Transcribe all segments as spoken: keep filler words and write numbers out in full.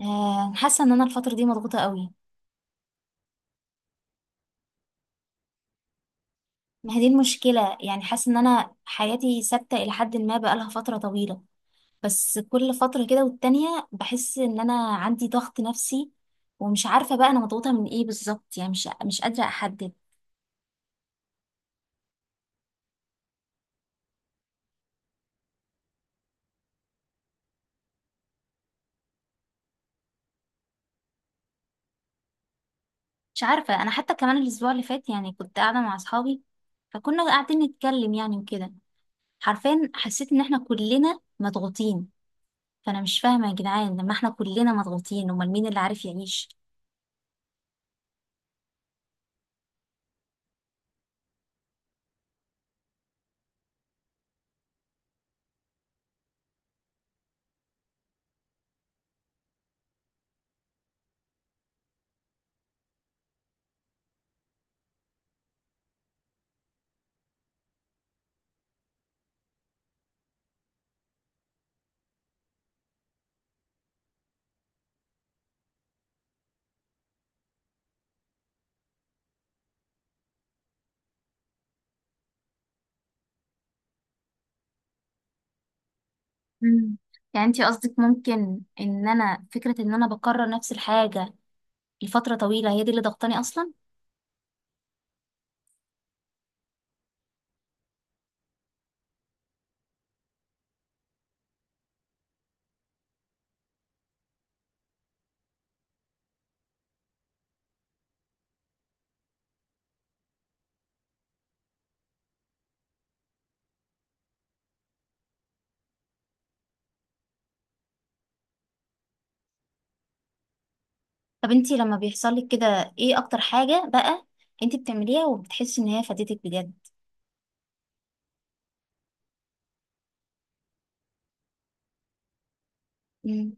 آه، حاسه ان انا الفتره دي مضغوطه قوي. ما هي دي المشكله، يعني حاسه ان انا حياتي ثابته الى حد ما بقالها فتره طويله. بس كل فتره كده والتانية بحس ان انا عندي ضغط نفسي. ومش عارفه بقى انا مضغوطه من ايه بالظبط، يعني مش مش قادره احدد. مش عارفه، انا حتى كمان الاسبوع اللي فات يعني كنت قاعده مع اصحابي، فكنا قاعدين نتكلم يعني وكده. حرفيا حسيت ان احنا كلنا مضغوطين. فانا مش فاهمه يا جدعان، لما احنا كلنا مضغوطين امال مين اللي عارف يعيش؟ مم. يعني انتي قصدك ممكن ان انا فكرة ان انا بكرر نفس الحاجة لفترة طويلة هي دي اللي ضغطاني اصلا؟ طب انتي لما بيحصل لك كده ايه اكتر حاجة بقى انتي بتعمليها وبتحسي ان هي فاتتك بجد؟ مم.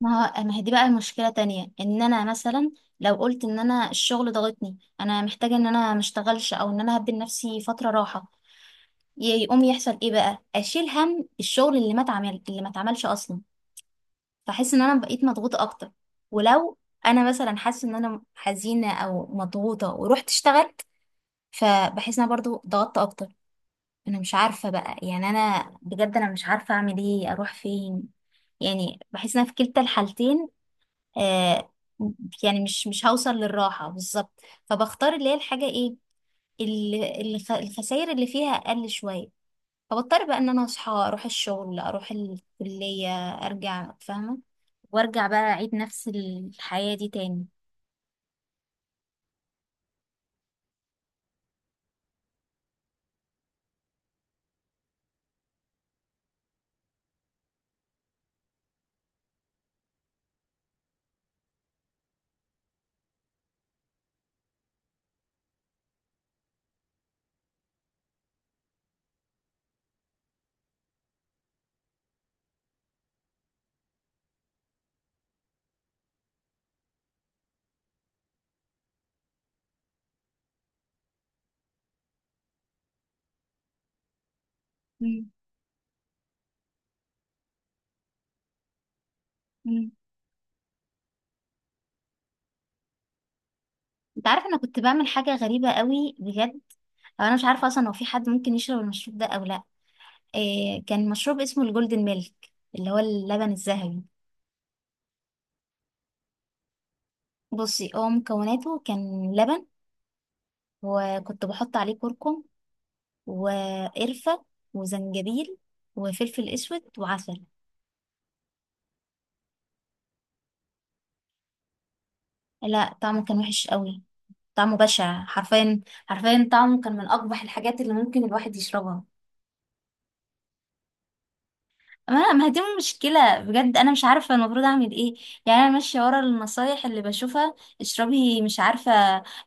ما هو ما هي دي بقى مشكلة تانية، ان انا مثلا لو قلت ان انا الشغل ضغطني انا محتاجة ان انا مشتغلش او ان انا هدي لنفسي فترة راحة، ي- يقوم يحصل ايه بقى؟ اشيل هم الشغل اللي ما اتعمل اللي ما اتعملش اصلا. بحس ان انا بقيت مضغوطة اكتر. ولو انا مثلا حاسة ان انا حزينة او مضغوطة ورحت اشتغلت فبحس ان انا برضو ضغطت اكتر. انا مش عارفة بقى، يعني انا بجد انا مش عارفة اعمل ايه اروح فين. يعني بحس ان انا في كلتا الحالتين آه، يعني مش مش هوصل للراحة بالظبط. فبختار اللي هي الحاجة ايه، اللي اللي خ- الخسائر اللي فيها اقل شوية. فبضطر بقى ان انا اصحى اروح الشغل اروح الكلية، ارجع فاهمة وارجع بقى اعيد نفس الحياة دي تاني. مم. مم. انت عارف انا كنت بعمل حاجه غريبه قوي بجد. أو انا مش عارفه اصلا هو في حد ممكن يشرب المشروب ده او لا. إيه كان مشروب اسمه الجولدن ميلك اللي هو اللبن الذهبي. بصي هو مكوناته كان لبن، وكنت بحط عليه كركم وقرفه وزنجبيل وفلفل اسود وعسل. لا طعمه كان وحش قوي، طعمه بشع حرفيا. حرفيا طعمه كان من اقبح الحاجات اللي ممكن الواحد يشربها. ما ما هي دي مشكلة بجد، أنا مش عارفة المفروض أعمل إيه. يعني أنا ماشية ورا النصايح اللي بشوفها. اشربي مش عارفة.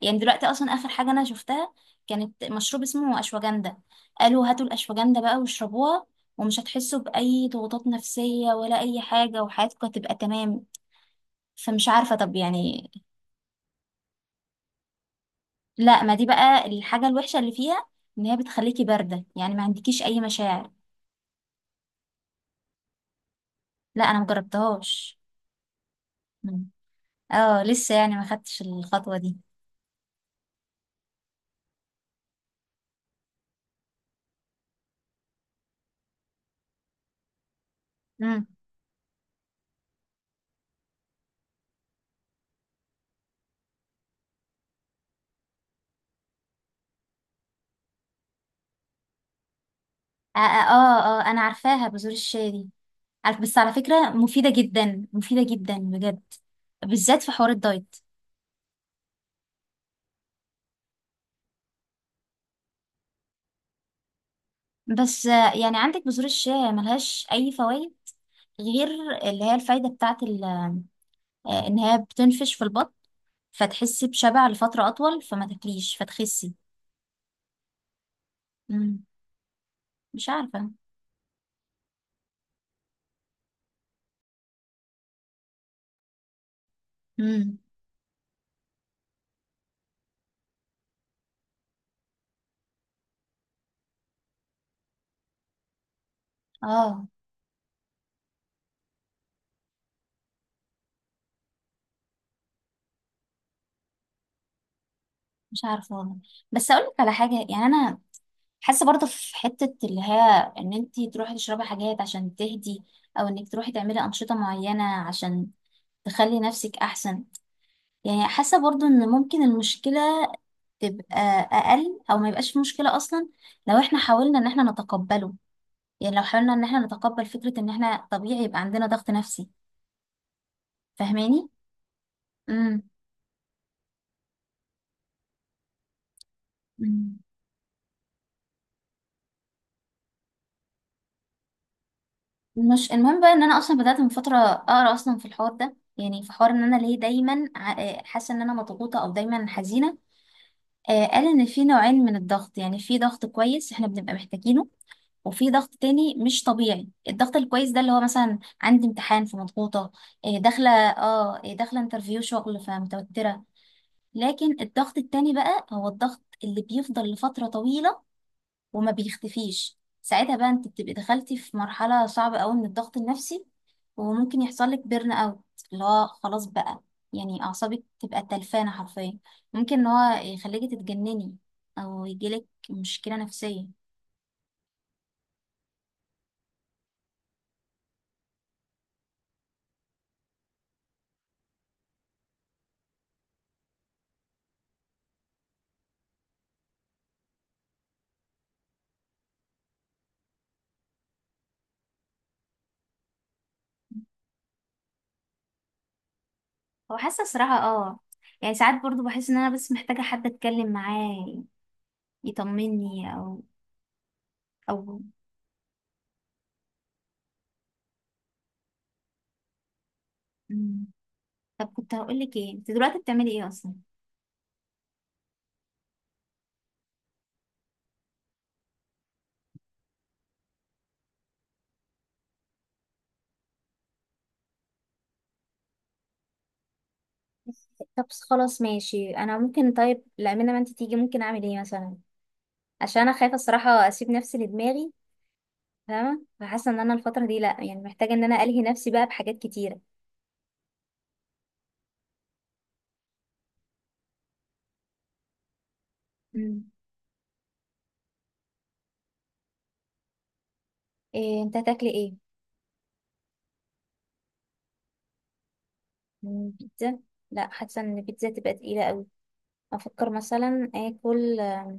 يعني دلوقتي أصلا آخر حاجة أنا شفتها كانت مشروب اسمه أشواجندا، قالوا هاتوا الأشواجندا بقى واشربوها ومش هتحسوا بأي ضغوطات نفسية ولا أي حاجة وحياتكم هتبقى تمام. فمش عارفة طب يعني. لا، ما دي بقى الحاجة الوحشة اللي فيها، إن هي بتخليكي باردة يعني ما عندكيش أي مشاعر. لا أنا مجربتهاش. مم. اه، لسه يعني ما خدتش الخطوة دي. مم. اه، اه، آه، آه، انا عارفاها بذور الشيا دي. عارف، بس على فكرة مفيدة جدا مفيدة جدا بجد، بالذات في حوار الدايت. بس آه، يعني عندك بذور الشيا ملهاش اي فوائد غير اللي هي الفايدة بتاعت ال- آه، ان هي بتنفش في البطن فتحسي بشبع لفترة اطول فما تاكليش فتخسي. مم. مش عارفة. مم. اه، مش عارفة والله. بس اقولك على حاجة، يعني انا حاسه برضه في حته اللي هي ان انت تروحي تشربي حاجات عشان تهدي، او انك تروحي تعملي انشطه معينه عشان تخلي نفسك احسن. يعني حاسه برضه ان ممكن المشكله تبقى اقل او ما يبقاش في مشكله اصلا لو احنا حاولنا ان احنا نتقبله. يعني لو حاولنا ان احنا نتقبل فكره ان احنا طبيعي يبقى عندنا ضغط نفسي، فاهماني؟ امم مم. مش المهم بقى ان انا اصلا بدات من فتره اقرا اصلا في الحوار ده، يعني في حوار ان انا ليه دايما ع- حاسه ان انا مضغوطه او دايما حزينه. آه، قال إن في نوعين من الضغط، يعني في ضغط كويس احنا بنبقى محتاجينه وفي ضغط تاني مش طبيعي. الضغط الكويس ده اللي هو مثلا عندي امتحان فمضغوطة، آه، داخلة اه آه، داخلة انترفيو شغل فمتوترة. لكن الضغط التاني بقى هو الضغط اللي بيفضل لفترة طويلة وما بيختفيش، ساعتها بقى انت بتبقي دخلتي في مرحلة صعبة قوي من الضغط النفسي وممكن يحصل لك بيرن اوت، اللي هو خلاص بقى يعني اعصابك تبقى تلفانة حرفيا. ممكن ان هو يخليكي تتجنني او يجيلك مشكلة نفسية. هو حاسة صراحة اه. يعني ساعات برضو بحس ان انا بس محتاجة حد اتكلم معاه يطمني، او او مم. طب كنت هقولك ايه، انت دلوقتي بتعملي ايه اصلا؟ طب خلاص ماشي، انا ممكن طيب لا ما انت تيجي ممكن اعمل ايه مثلا؟ عشان انا خايفه الصراحه اسيب نفسي لدماغي، فاهمه، فحاسه ان انا الفتره دي لا يعني محتاجه ان انا الهي نفسي بقى بحاجات كتيره. مم. إيه انت هتاكلي ايه؟ مم، بيتزا. لا حاسه ان البيتزا تبقى تقيله قوي. افكر مثلا اكل آه،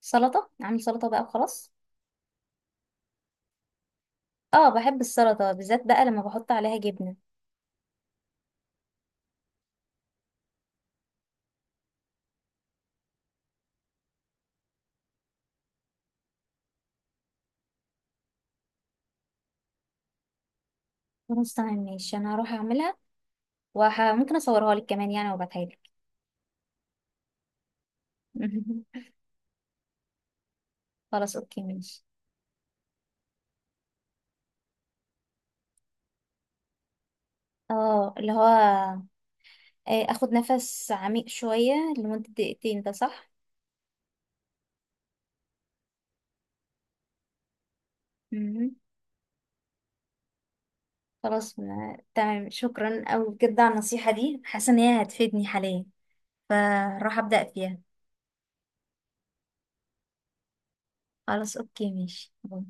سلطه، اعمل سلطه بقى وخلاص. اه بحب السلطه، بالذات بقى لما بحط عليها جبنه. خلاص تمام ماشي، انا هروح اعملها وممكن اصورها لك كمان يعني وابعتها لك. خلاص اوكي ماشي. اه اللي هو آه، اخد نفس عميق شويه لمده دقيقتين ده صح؟ مم. خلاص ما- تمام، شكرا أوي بجد على النصيحة دي، حاسة إن هي هتفيدني حاليا فراح أبدأ فيها. خلاص أوكي ماشي، باي.